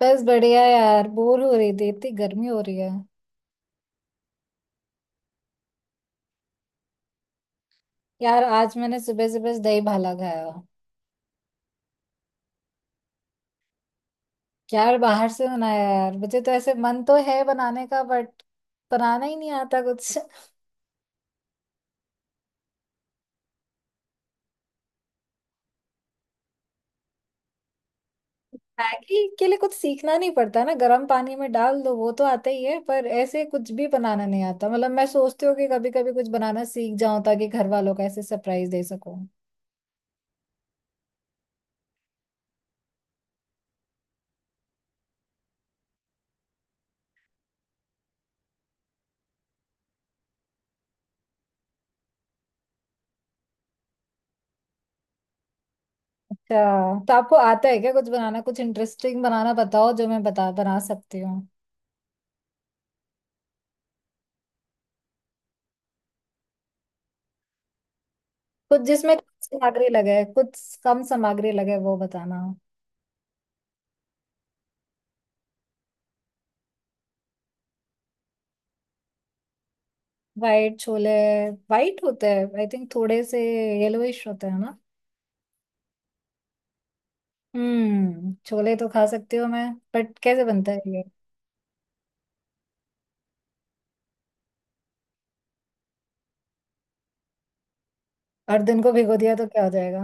बस बढ़िया यार। बोर हो रही थी, इतनी गर्मी हो रही है। यार आज मैंने सुबह सुबह दही भाला खाया। क्या बाहर से बनाया यार, मुझे तो ऐसे मन तो है बनाने का बट बनाना ही नहीं आता कुछ। मैगी के लिए कुछ सीखना नहीं पड़ता ना, गर्म पानी में डाल दो, वो तो आता ही है। पर ऐसे कुछ भी बनाना नहीं आता। मतलब मैं सोचती हूँ कि कभी कभी कुछ बनाना सीख जाऊं ताकि घर वालों का ऐसे सरप्राइज दे सकूं। अच्छा, तो आपको आता है क्या कुछ बनाना? कुछ इंटरेस्टिंग बनाना बताओ जो मैं बता बना सकती हूँ। कुछ जिसमें कम सामग्री लगे, कुछ कम सामग्री लगे वो बताना। वाइट छोले? वाइट होते हैं आई थिंक, थोड़े से येलोइश होते हैं ना? हम्म, छोले तो खा सकती हूँ मैं, बट कैसे बनता है ये? और दिन को भिगो दिया तो क्या हो जाएगा?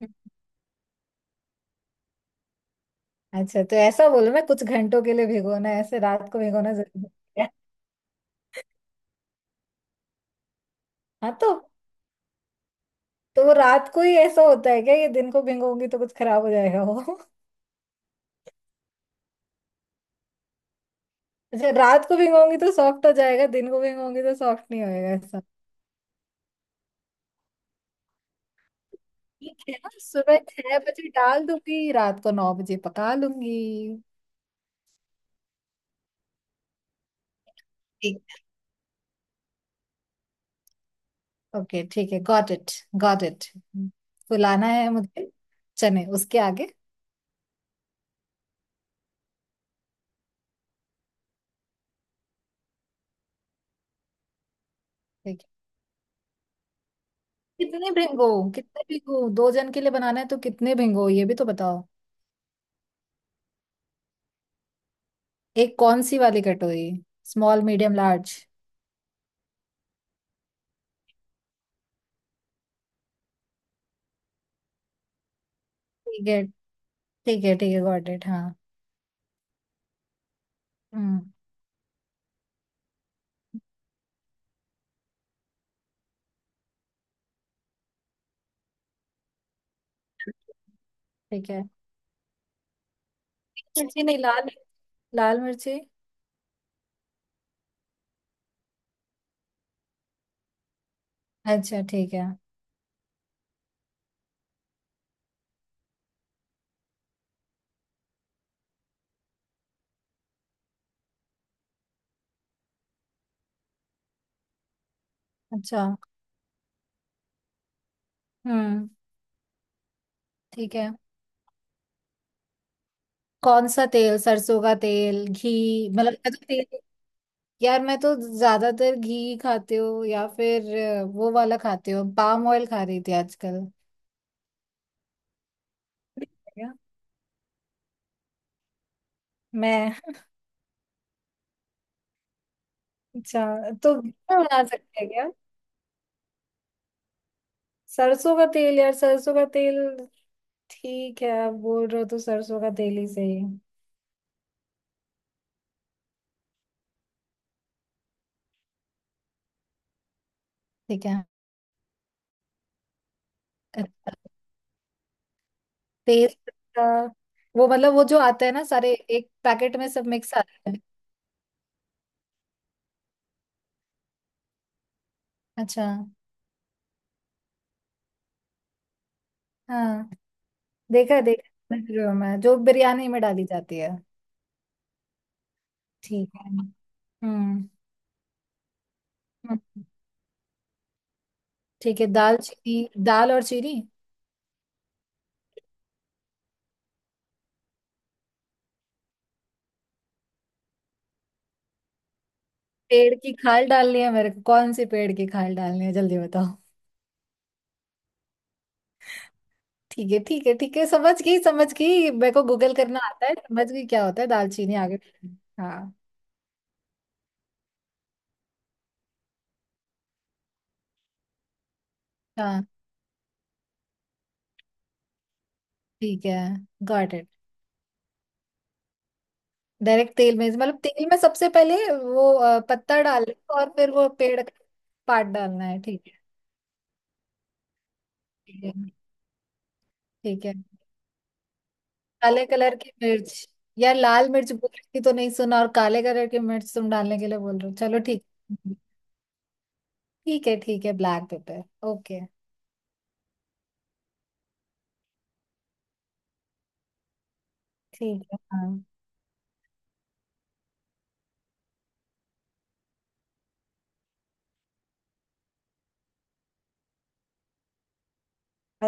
अच्छा, तो ऐसा बोलो मैं कुछ घंटों के लिए भिगोना है, ऐसे रात को भिगोना जरूरी है? हाँ तो वो रात को ही ऐसा होता है क्या? ये दिन को भिगोंगी तो कुछ खराब हो जाएगा वो? अच्छा, रात को भिगोंगी तो सॉफ्ट हो जाएगा, दिन को भिगोंगी तो सॉफ्ट नहीं होएगा। ठीक है ना, सुबह 6 बजे डाल दूंगी, रात को 9 बजे पका लूंगी। ठीक है। ओके, ठीक है, गॉट इट। Got it. फुलाना है मुझे चने, उसके आगे? ठीक है, कितने भिंगो? कितने भिंगो, दो जन के लिए बनाना है तो कितने भिंगो ये भी तो बताओ। एक कौन सी वाली कटोरी, स्मॉल, मीडियम, लार्ज? ठीक है, ठीक है, ठीक है, गॉट इट, हाँ। हम्म। ठीक है। मिर्ची नहीं, लाल, लाल मिर्ची। अच्छा, ठीक है। अच्छा। हम्म। ठीक है। कौन सा तेल, सरसों का तेल, घी, मतलब मैं तो तेल। यार मैं तो ज्यादातर घी खाती हूँ, या फिर वो वाला खाती हूँ, पाम ऑयल खा रही थी आजकल। क्या? मैं। अच्छा, तो घी में बना सकते हैं क्या? सरसों का तेल यार, सरसों का तेल। ठीक है, आप बोल रहे हो तो सरसों का तेल ही सही। ठीक है। अच्छा, तेज पत्ता। वो मतलब वो जो आता है ना, सारे एक पैकेट में सब मिक्स आता है? अच्छा। हाँ। देखा है, समझ रही हूँ मैं, जो बिरयानी में डाली जाती है। ठीक है। हम्म। हम्म, ठीक है। दाल चीनी, दाल और चीनी? पेड़ की खाल डालनी है मेरे को? कौन सी पेड़ की खाल डालनी है जल्दी बताओ। ठीक है, ठीक है, ठीक है, समझ गई, समझ गई, मेरे को गूगल करना आता है, समझ गई क्या होता है दाल चीनी, आगे। हाँ। हाँ, ठीक है। Got it. डायरेक्ट तेल में मतलब तेल में सबसे पहले वो पत्ता डालना है और फिर वो पेड़ का पार्ट डालना है, ठीक है। ठीक है। ठीक है। काले कलर की मिर्च? यार लाल मिर्च बोल रही थी तो नहीं सुना, और काले कलर की मिर्च तुम डालने के लिए बोल रहे हो, चलो ठीक। ठीक है, ठीक है, ब्लैक पेपर। ओके। ठीक है, हाँ।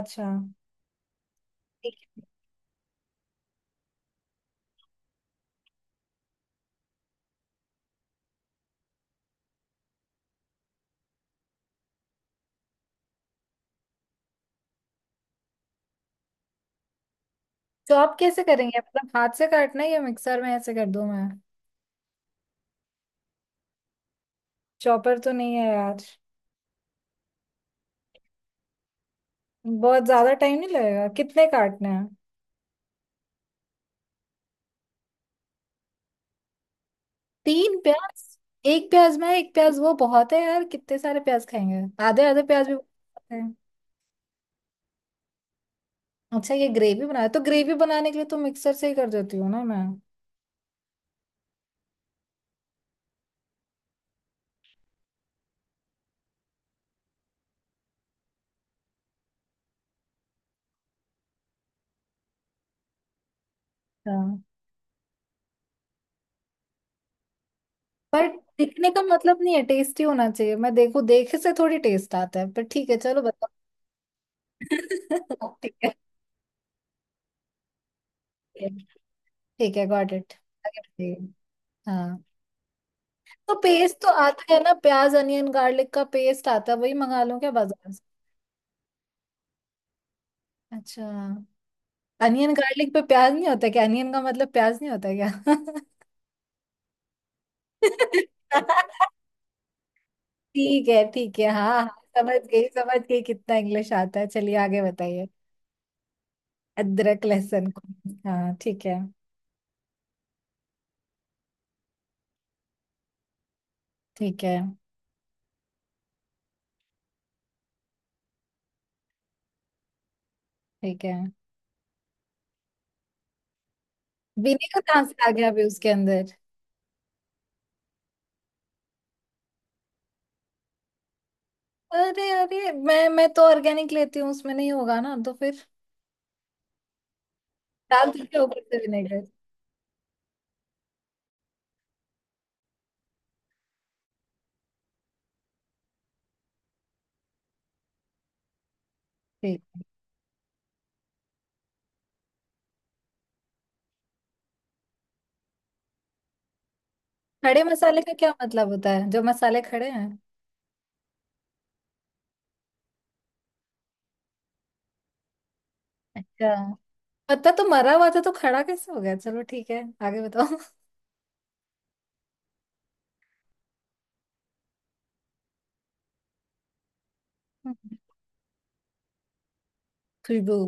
अच्छा। ठीक है। चॉप कैसे करेंगे, मतलब हाथ से काटना है या मिक्सर में ऐसे कर दूं मैं? चॉपर तो नहीं है यार। बहुत ज्यादा टाइम नहीं लगेगा, कितने काटने हैं? तीन प्याज? एक प्याज मैं, एक प्याज वो, बहुत है यार, कितने सारे प्याज खाएंगे, आधे आधे प्याज भी बहुत है। अच्छा ये ग्रेवी बनाए, तो ग्रेवी बनाने के लिए तो मिक्सर से ही कर देती हूँ ना मैं। हाँ। पर दिखने का मतलब नहीं है, टेस्टी होना चाहिए, मैं देखो देखे से थोड़ी टेस्ट आता है, पर ठीक है चलो बताओ। ठीक है, ठीक है, गॉट इट। आगे बताइए। हाँ। तो पेस्ट तो आता है ना, प्याज अनियन गार्लिक का पेस्ट आता है, वही मंगा लो क्या बाजार से? अच्छा, अनियन गार्लिक पे प्याज नहीं होता क्या, अनियन का मतलब प्याज नहीं होता क्या? ठीक है, ठीक है, हाँ हाँ। समझ गई, समझ गई, कितना इंग्लिश आता है, चलिए आगे बताइए। अदरक लहसुन को, हाँ ठीक है। ठीक है। ठीक है। विनेगर कहाँ से आ गया अभी उसके अंदर? अरे अरे, मैं तो ऑर्गेनिक लेती हूँ, उसमें नहीं होगा ना तो फिर। डाल दीजिए ऊपर से विनेगर। ठीक है। खड़े मसाले का क्या मतलब होता है, जो मसाले खड़े हैं? अच्छा, पत्ता तो मरा हुआ था तो खड़ा कैसे हो गया, चलो ठीक है आगे बताओ। खुशबू।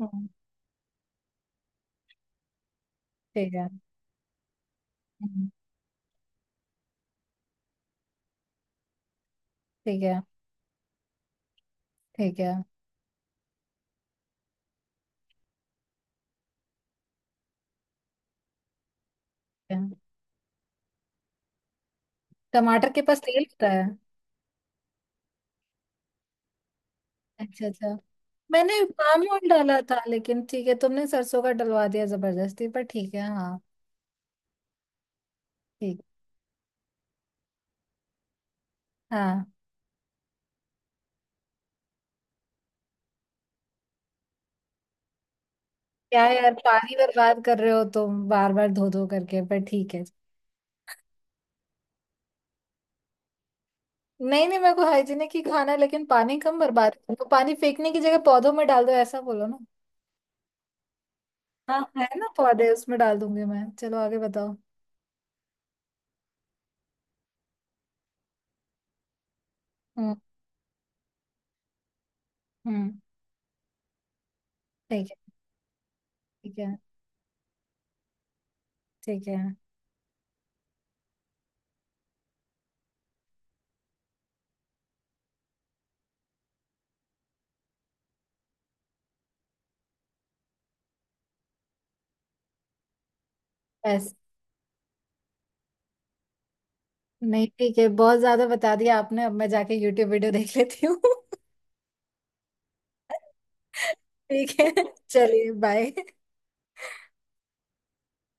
हम्म, ठीक है। हम्म, ठीक है। ठीक है। ठीक है। टमाटर के पास तेल होता है? अच्छा, अच्छा। मैंने पाम ऑयल डाला था लेकिन ठीक है, तुमने सरसों का डलवा दिया जबरदस्ती, पर ठीक है, हाँ। ठीक। हाँ। क्या यार, पानी बर्बाद कर रहे हो तुम बार बार धो धो करके, पर ठीक है। नहीं नहीं, मेरे को हाइजीनिक ही खाना है, लेकिन पानी कम बर्बाद करो, तो पानी फेंकने की जगह पौधों में डाल दो ऐसा बोलो ना। हाँ, है ना पौधे, उसमें डाल दूंगी मैं, चलो आगे बताओ। हम्म। हम्म। ठीक है। ठीक है। ठीक है। बस? नहीं ठीक है, बहुत ज्यादा बता दिया आपने, अब मैं जाके यूट्यूब वीडियो देख लेती हूँ। ठीक है। चलिए बाय।